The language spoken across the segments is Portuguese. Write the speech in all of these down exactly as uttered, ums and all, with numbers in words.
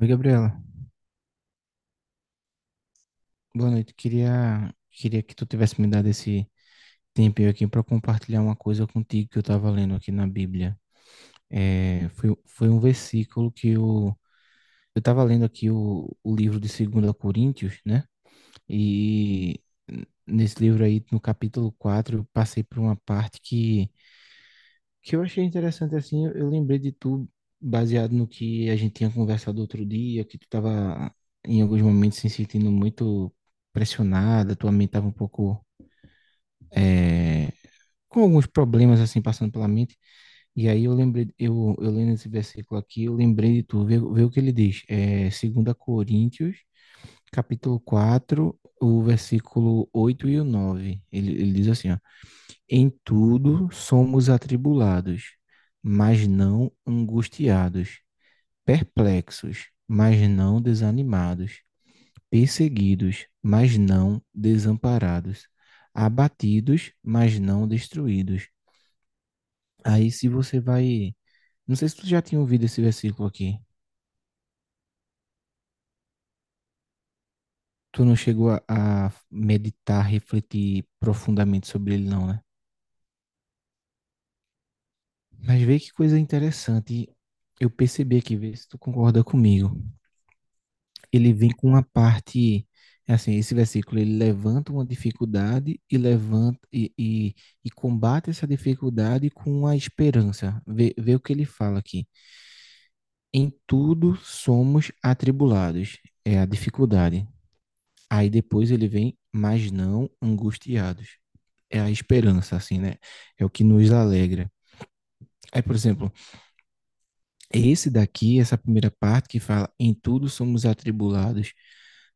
Oi, Gabriela. Boa noite. Queria, queria que tu tivesse me dado esse tempinho aqui para compartilhar uma coisa contigo que eu estava lendo aqui na Bíblia. É, foi, foi um versículo que eu eu estava lendo aqui o, o livro de dois Coríntios, né? E nesse livro aí, no capítulo quatro eu passei por uma parte que que eu achei interessante assim, eu, eu lembrei de tu baseado no que a gente tinha conversado outro dia, que tu tava em alguns momentos se sentindo muito pressionada, tua mente tava um pouco eh, com alguns problemas assim passando pela mente. E aí eu lembrei, eu, eu lendo esse versículo aqui, eu lembrei de tu, vê, vê o que ele diz. É, dois Coríntios, capítulo quatro o versículo oito e o nove. Ele, ele diz assim, ó, em tudo somos atribulados, mas não angustiados, perplexos, mas não desanimados, perseguidos, mas não desamparados, abatidos, mas não destruídos. Aí, se você vai. Não sei se tu já tinha ouvido esse versículo aqui. Tu não chegou a, a meditar, refletir profundamente sobre ele, não, né? Mas vê que coisa interessante. Eu percebi aqui, vê se tu concorda comigo. Ele vem com uma parte, é assim, esse versículo, ele levanta uma dificuldade e levanta e, e, e combate essa dificuldade com a esperança. Vê, vê o que ele fala aqui. Em tudo somos atribulados, é a dificuldade. Aí depois ele vem, mas não angustiados. É a esperança, assim, né? É o que nos alegra. Aí, por exemplo, esse daqui, essa primeira parte que fala em tudo somos atribulados,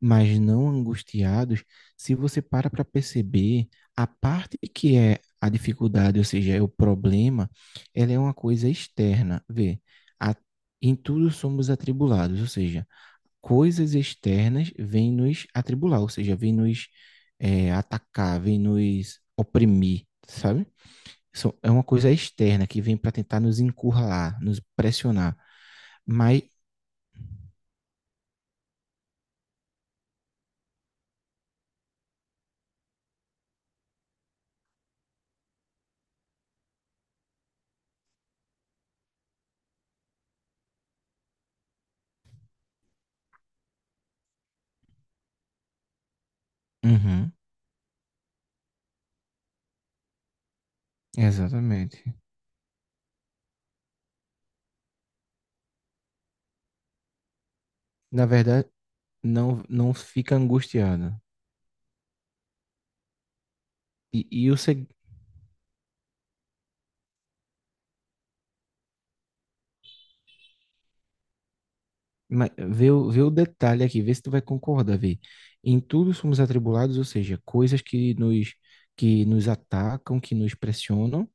mas não angustiados, se você para para perceber, a parte que é a dificuldade, ou seja, é o problema, ela é uma coisa externa. Vê, a- em tudo somos atribulados, ou seja, coisas externas vêm nos atribular, ou seja, vêm nos eh, atacar, vêm nos oprimir, sabe? São- É uma coisa externa que vem para tentar nos encurralar, nos pressionar. Mas, uhum, exatamente. Na verdade, não não fica angustiado. E, e o seg- ma- Vê, o- vê o detalhe aqui, vê se tu vai concordar, vê. Em tudo somos atribulados, ou seja, coisas que nos que nos atacam, que nos pressionam,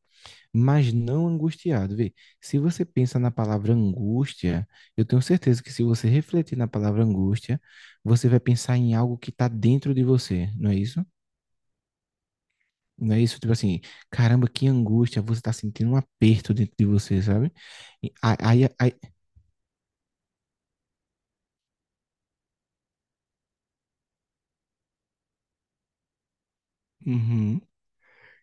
mas não angustiado, vê. Se você pensa na palavra angústia, eu tenho certeza que se você refletir na palavra angústia, você vai pensar em algo que está dentro de você, não é isso? Não é isso? Tipo assim, caramba, que angústia, você tá sentindo um aperto dentro de você, sabe? E Aí, aí, aí- Uhum.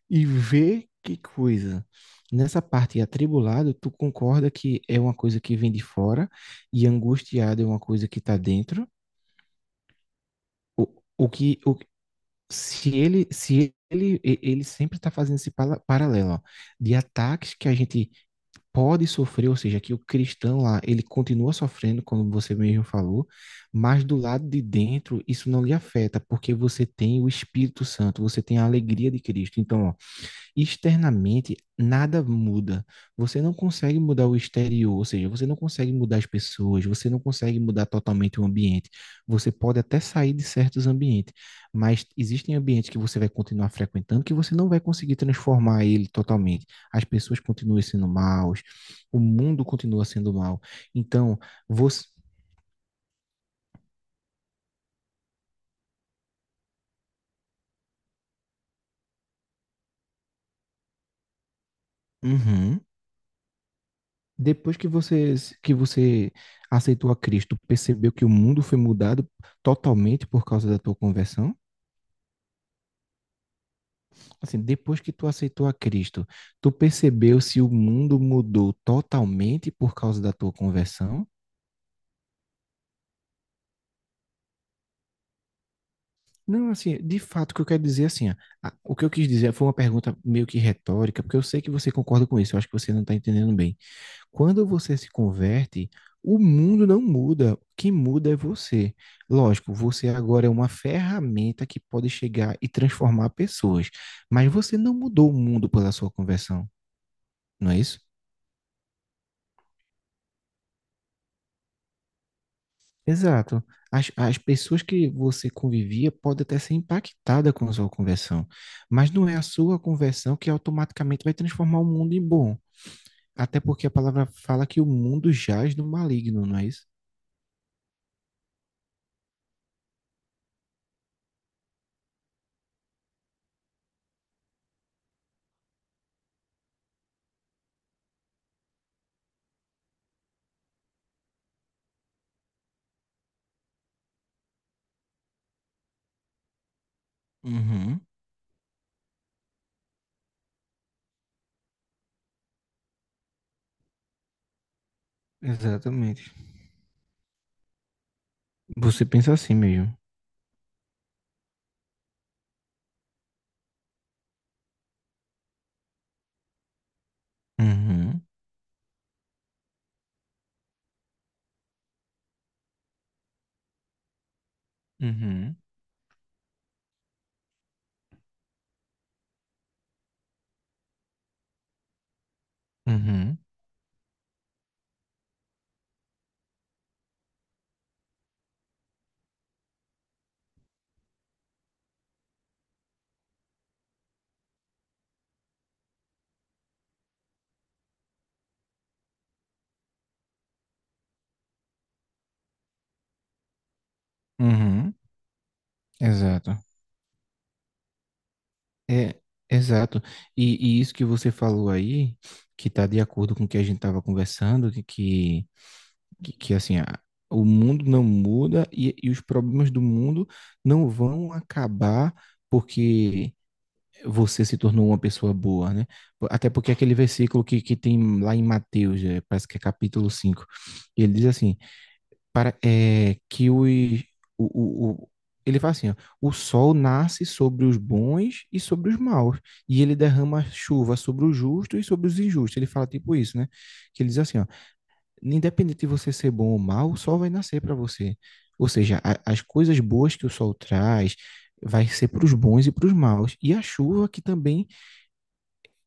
E vê que coisa. Nessa parte atribulado, tu concorda que é uma coisa que vem de fora e angustiado é uma coisa que tá dentro? O, o que, o, se ele, se ele, e- Ele sempre tá fazendo esse pala- paralelo, ó, de ataques que a gente pode sofrer, ou seja, que o cristão lá, ele continua sofrendo, como você mesmo falou, mas do lado de dentro isso não lhe afeta, porque você tem o Espírito Santo, você tem a alegria de Cristo. Então, ó, externamente nada muda. Você não consegue mudar o exterior, ou seja, você não consegue mudar as pessoas, você não consegue mudar totalmente o ambiente. Você pode até sair de certos ambientes, mas existem ambientes que você vai continuar frequentando que você não vai conseguir transformar ele totalmente. As pessoas continuam sendo maus, o mundo continua sendo mau. Então, você uhum. Depois que você que você aceitou a Cristo, percebeu que o mundo foi mudado totalmente por causa da tua conversão? Assim, depois que tu aceitou a Cristo, tu percebeu se o mundo mudou totalmente por causa da tua conversão? Não, assim, de fato, o que eu quero dizer, é assim, ó, a- o que eu quis dizer foi uma pergunta meio que retórica, porque eu sei que você concorda com isso, eu acho que você não está entendendo bem. Quando você se converte, o mundo não muda, o que muda é você. Lógico, você agora é uma ferramenta que pode chegar e transformar pessoas, mas você não mudou o mundo pela sua conversão, não é isso? Exato. As, as pessoas que você convivia podem até ser impactadas com a sua conversão, mas não é a sua conversão que automaticamente vai transformar o mundo em bom. Até porque a palavra fala que o mundo jaz no maligno, não é isso? Uhum, exatamente. Você pensa assim mesmo. Uhum, uhum, uhum, uhum. Exato. É, exato. E, e isso que você falou aí, que está de acordo com o que a gente estava conversando, que, que que, que, assim, a- o mundo não muda e, e os problemas do mundo não vão acabar porque você se tornou uma pessoa boa, né? Po- Até porque aquele versículo que, que tem lá em Mateus, eh, parece que é capítulo cinco ele diz assim, para, é, que os, o, o, o- ele fala assim, ó, o sol nasce sobre os bons e sobre os maus, e ele derrama chuva sobre os justos e sobre os injustos. Ele fala tipo isso, né? Que ele diz assim, ó, independente de você ser bom ou mal, o sol vai nascer para você. Ou seja, a- as coisas boas que o sol traz vai ser para os bons e para os maus. E a chuva, que também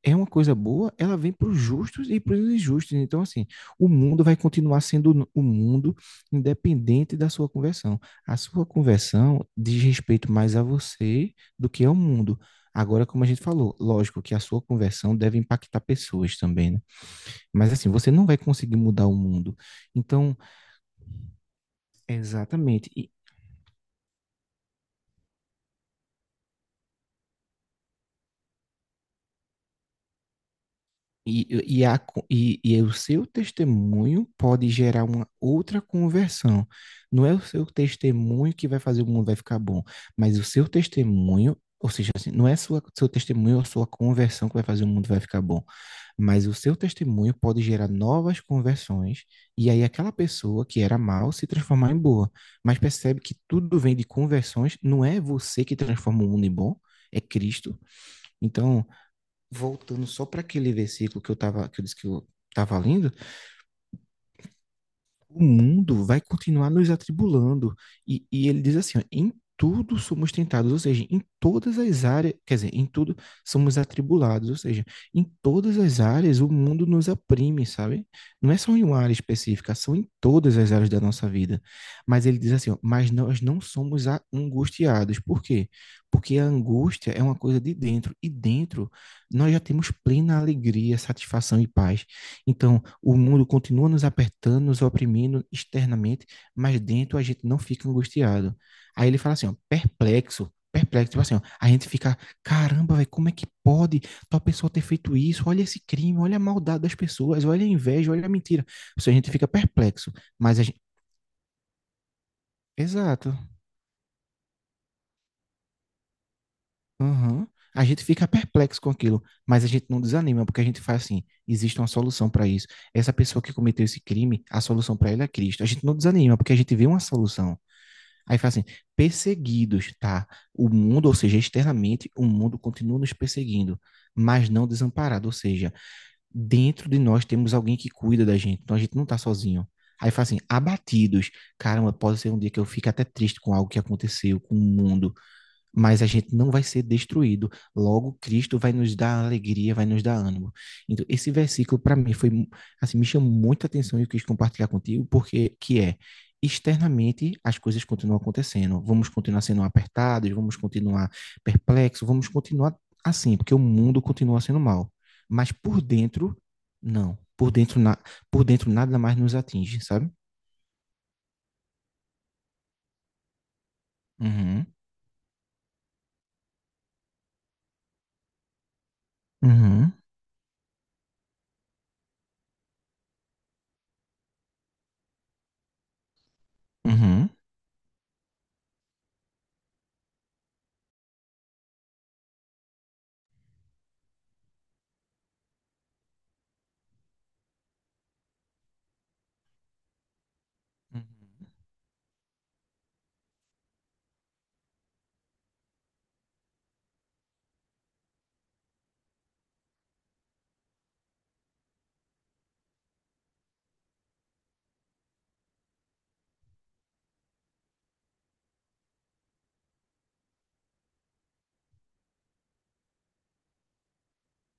é uma coisa boa, ela vem para os justos e para os injustos. Então, assim, o mundo vai continuar sendo n- o mundo, independente da sua conversão. A sua conversão diz respeito mais a você do que ao mundo. Agora, como a gente falou, lógico que a sua conversão deve impactar pessoas também, né? Mas assim, você não vai conseguir mudar o mundo. Então, exatamente. E, e, e, a, co- e, e o seu testemunho pode gerar uma outra conversão. Não é o seu testemunho que vai fazer o mundo vai ficar bom, mas o seu testemunho, ou seja, assim, não é sua, seu testemunho ou sua conversão que vai fazer o mundo vai ficar bom, mas o seu testemunho pode gerar novas conversões, e aí aquela pessoa que era mal se transformar em boa. Mas percebe que tudo vem de conversões, não é você que transforma o mundo em bom, é Cristo. Então, voltando só para aquele versículo que eu tava, que eu disse que eu tava lendo, o mundo vai continuar nos atribulando. E, e ele diz assim: ó, em tudo somos tentados, ou seja, em todas as áreas, quer dizer, em tudo somos atribulados, ou seja, em todas as áreas o mundo nos oprime, sabe? Não é só em uma área específica, são em todas as áreas da nossa vida. Mas ele diz assim, ó, mas nós não somos a- angustiados. Por quê? Porque a angústia é uma coisa de dentro, e dentro nós já temos plena alegria, satisfação e paz. Então, o mundo continua nos apertando, nos oprimindo externamente, mas dentro a gente não fica angustiado. Aí ele fala assim, ó, perplexo, perplexo, tipo assim, ó, a gente fica, caramba, velho, como é que pode tal pessoa ter feito isso? Olha esse crime, olha a maldade das pessoas, olha a inveja, olha a mentira. Ou seja, a gente fica perplexo, mas a gente... Exato. Aham. A gente fica perplexo com aquilo, mas a gente não desanima, porque a gente faz assim: existe uma solução para isso. Essa pessoa que cometeu esse crime, a solução para ele é Cristo. A gente não desanima, porque a gente vê uma solução. Aí faz assim: perseguidos, tá? O mundo, ou seja, externamente, o mundo continua nos perseguindo, mas não desamparado. Ou seja, dentro de nós temos alguém que cuida da gente, então a gente não está sozinho. Aí faz assim: abatidos. Caramba, pode ser um dia que eu fique até triste com algo que aconteceu, com o mundo, mas a gente não vai ser destruído. Logo, Cristo vai nos dar alegria, vai nos dar ânimo. Então, esse versículo para mim foi assim, me chamou muita atenção e eu quis compartilhar contigo porque que é externamente as coisas continuam acontecendo. Vamos continuar sendo apertados, vamos continuar perplexos, vamos continuar assim, porque o mundo continua sendo mal. Mas por dentro, não. Por dentro, na, por dentro nada mais nos atinge, sabe? Uhum. Uhum. Uhum.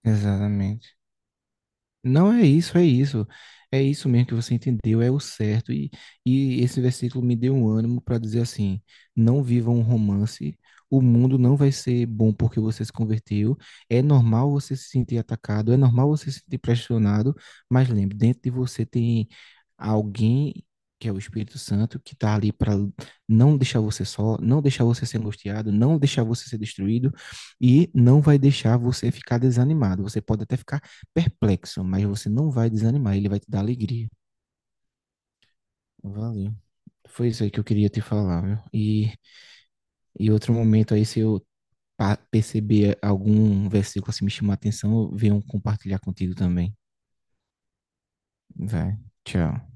Exatamente. Não é isso, é isso. É isso mesmo que você entendeu, é o certo. E, e esse versículo me deu um ânimo para dizer assim: não viva um romance, o mundo não vai ser bom porque você se converteu. É normal você se sentir atacado, é normal você se sentir pressionado, mas lembre, dentro de você tem alguém que é o Espírito Santo que está ali para não deixar você só, não deixar você ser angustiado, não deixar você ser destruído e não vai deixar você ficar desanimado. Você pode até ficar perplexo, mas você não vai desanimar, ele vai te dar alegria. Valeu. Foi isso aí que eu queria te falar, viu? E, e outro momento aí, se eu pa- perceber algum versículo assim me chamar a atenção, eu venho compartilhar contigo também. Vai. Tchau.